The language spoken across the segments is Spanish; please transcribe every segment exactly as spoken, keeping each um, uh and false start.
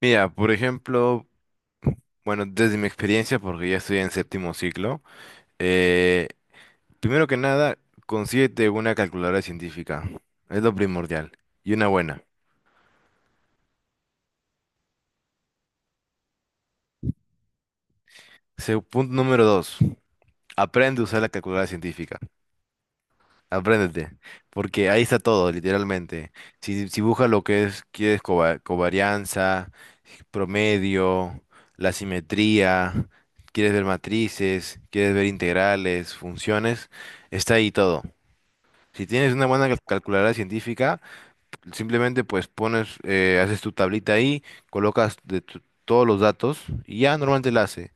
Mira, por ejemplo, bueno, desde mi experiencia, porque ya estoy en séptimo ciclo, eh, primero que nada, consíguete una calculadora científica. Es lo primordial. Y una buena. Se- punto número dos, aprende a usar la calculadora científica. Apréndete. Porque ahí está todo, literalmente. Si, si buscas lo que es, quieres cova- covarianza, promedio, la simetría, quieres ver matrices, quieres ver integrales, funciones, está ahí todo. Si tienes una buena cal- calculadora científica, simplemente pues pones, eh, haces tu tablita ahí, colocas de tu- todos los datos y ya normalmente la hace.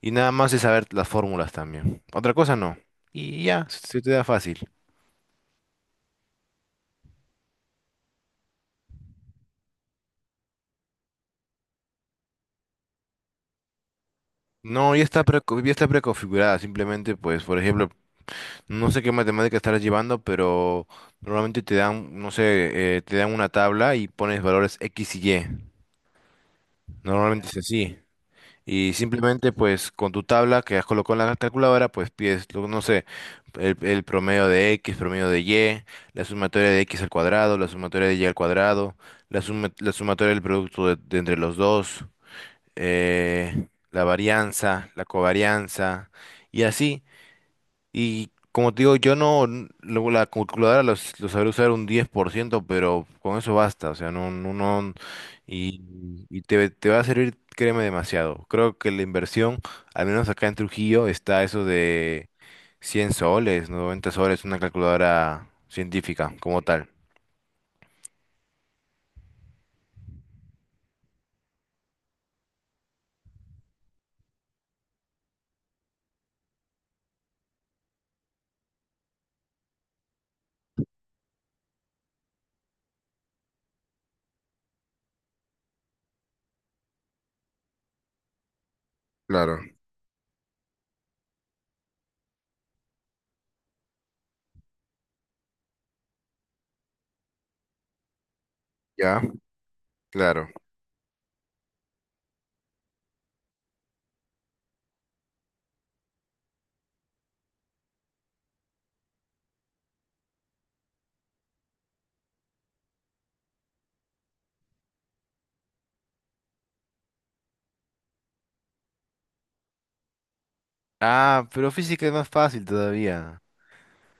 Y nada más es saber las fórmulas también. Otra cosa no. Y ya, se se te da fácil. No, ya está, pre ya está preconfigurada. Simplemente pues, por ejemplo, no sé qué matemática estarás llevando, pero normalmente te dan, no sé, eh, te dan una tabla y pones valores X y Y. Normalmente es así. Y simplemente, pues, con tu tabla que has colocado en la calculadora, pues pides, lo- no sé, el, el promedio de X, promedio de Y, la sumatoria de X al cuadrado, la sumatoria de Y al cuadrado, la suma- la sumatoria del producto de, de entre los dos, eh, la varianza, la covarianza, y así. Y como te digo, yo no, n- la calculadora lo, s- lo sabré usar un diez por ciento pero con eso basta, o sea, no, no, no, y, y te, te va a servir, créeme, demasiado. Creo que la inversión, al menos acá en Trujillo, está eso de cien soles, noventa soles, una calculadora científica como tal. Claro, ya, claro. Ah, pero física es más fácil todavía.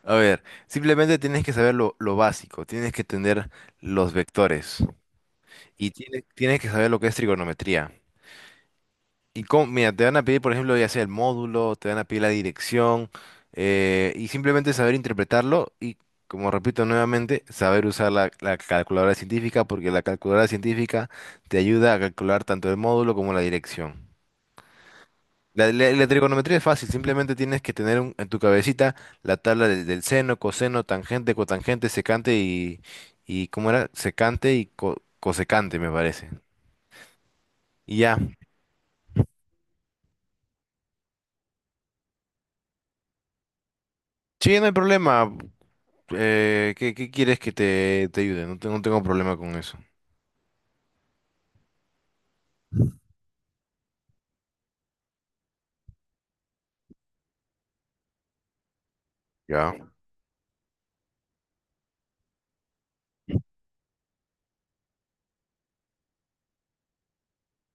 A ver, simplemente tienes que saber lo, lo básico, tienes que tener los vectores. Y tienes, tienes que saber lo que es trigonometría. Y cómo- mira, te van a pedir, por ejemplo, ya sea el módulo, te van a pedir la dirección, eh, y simplemente saber interpretarlo y, como repito nuevamente, saber usar la, la calculadora científica, porque la calculadora científica te ayuda a calcular tanto el módulo como la dirección. La, la- la trigonometría es fácil, simplemente tienes que tener un- en tu cabecita la tabla del, del seno, coseno, tangente, cotangente, secante y, y ¿cómo era? Secante y co- cosecante, me parece. Y ya. Sí, no hay problema. Eh, ¿qué, qué quieres que te, te ayude? No, te- no tengo problema con eso. Ya.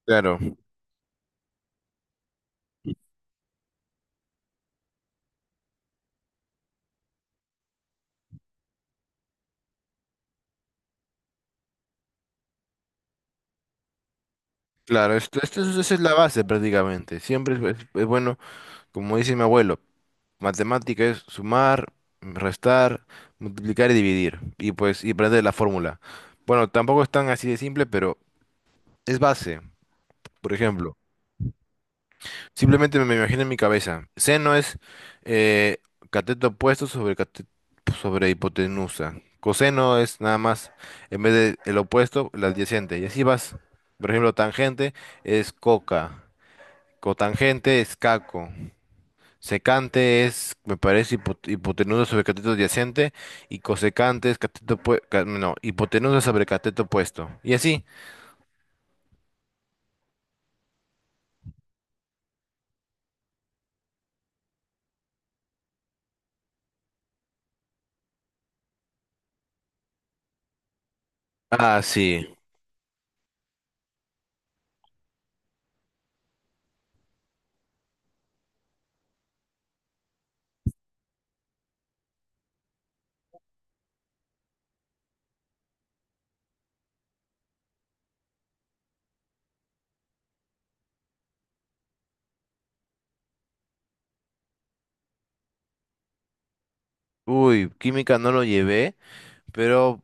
Claro, claro, esto, esto es, esa es la base prácticamente. Siempre es, es- es bueno, como dice mi abuelo, matemática es sumar, restar, multiplicar y dividir. Y pues, y aprender la fórmula. Bueno, tampoco es tan así de simple, pero es base. Por ejemplo. Simplemente me me imagino en mi cabeza. Seno es eh, cateto opuesto sobre, cate- sobre hipotenusa. Coseno es nada más, en vez de el opuesto, el adyacente. Y así vas. Por ejemplo, tangente es coca. Cotangente es caco. Secante es, me parece, hipo- hipotenusa sobre cateto adyacente. Y cosecante es cateto opue- ca- no, hipotenusa sobre cateto opuesto. Y así. Ah, sí. Uy, química no lo llevé, pero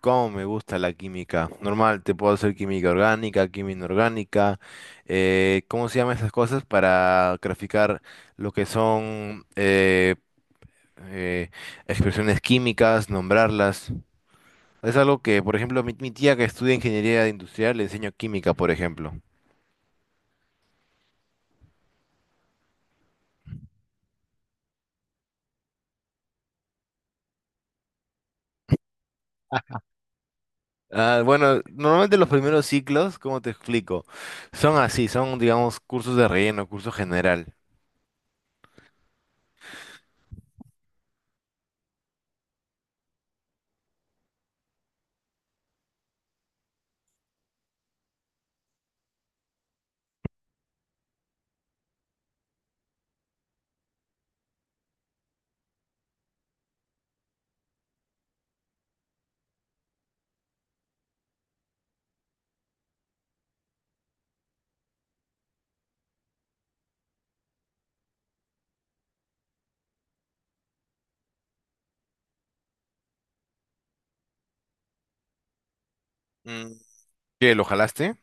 Cómo me gusta la química. Normal, te puedo hacer química orgánica, química inorgánica, eh, ¿cómo se llaman esas cosas? Para graficar lo que son eh, eh, expresiones químicas, nombrarlas. Es algo que, por ejemplo, mi, mi tía que estudia ingeniería industrial le enseño química, por ejemplo. Ah, bueno, normalmente los primeros ciclos, ¿cómo te explico? Son así, son, digamos, cursos de relleno, curso general. Mm. ¿Qué, lo jalaste?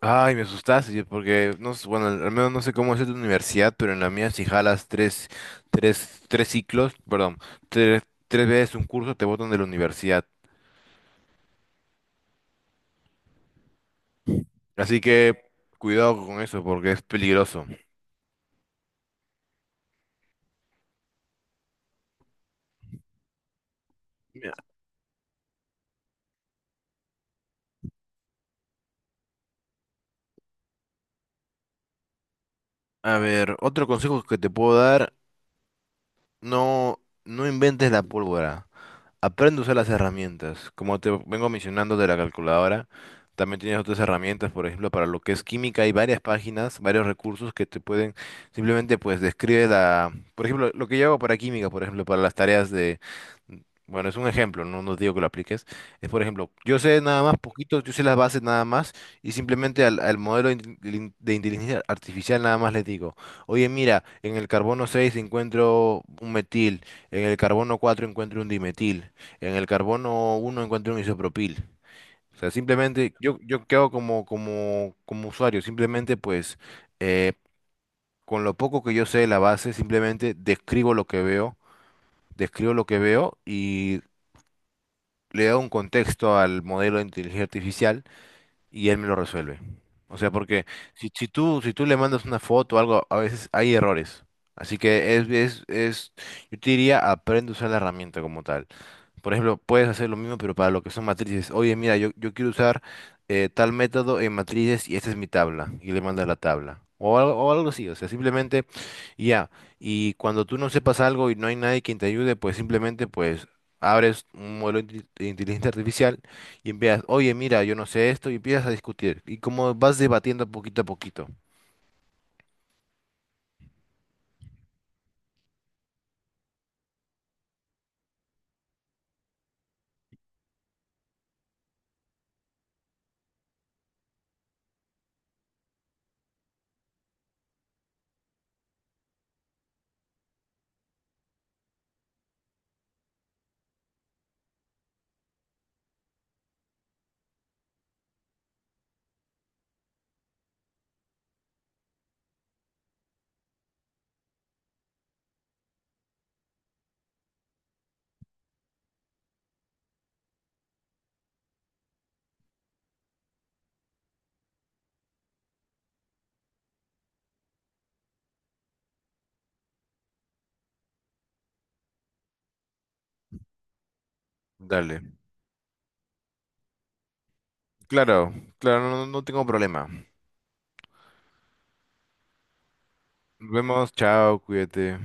Ay, me asustaste, porque no, s- bueno, al al menos no sé cómo es en tu universidad, pero en la mía si jalas tres, tres, tres ciclos, perdón, tres, tres veces un curso te botan de la universidad. Así que cuidado con eso, porque es peligroso. Mira, a ver, otro consejo que te puedo dar, no, no inventes la pólvora. Aprende a usar las herramientas. Como te vengo mencionando de la calculadora, también tienes otras herramientas, por ejemplo, para lo que es química, hay varias páginas, varios recursos que te pueden simplemente pues describe la, por ejemplo, lo que yo hago para química, por ejemplo, para las tareas de, bueno, es un ejemplo, no, nos digo que lo apliques, es por ejemplo, yo sé nada más poquito, yo sé las bases nada más y simplemente al, al modelo de, intel- de inteligencia artificial nada más le digo, oye, mira, en el carbono seis encuentro un metil, en el carbono cuatro encuentro un dimetil. En el carbono uno encontré un isopropil. O sea, simplemente yo, yo quedo como, como, como usuario, simplemente pues eh, con lo poco que yo sé de la base, simplemente describo lo que veo, describo lo que veo y le doy un contexto al modelo de inteligencia artificial y él me lo resuelve. O sea, porque si, si tú, si tú le mandas una foto o algo, a veces hay errores. Así que es, es, es, yo te diría, aprende a usar la herramienta como tal. Por ejemplo, puedes hacer lo mismo, pero para lo que son matrices. Oye, mira, yo, yo quiero usar eh, tal método en matrices y esta es mi tabla. Y le mandas la tabla. O algo, o algo así. O sea, simplemente, y ya. Y cuando tú no sepas algo y no hay nadie quien te ayude, pues simplemente, pues, abres un modelo de intel- de inteligencia artificial y empiezas, oye, mira, yo no sé esto, y empiezas a discutir. Y como vas debatiendo poquito a poquito. Dale. Claro, claro, no, no tengo problema. Nos vemos, chao, cuídate.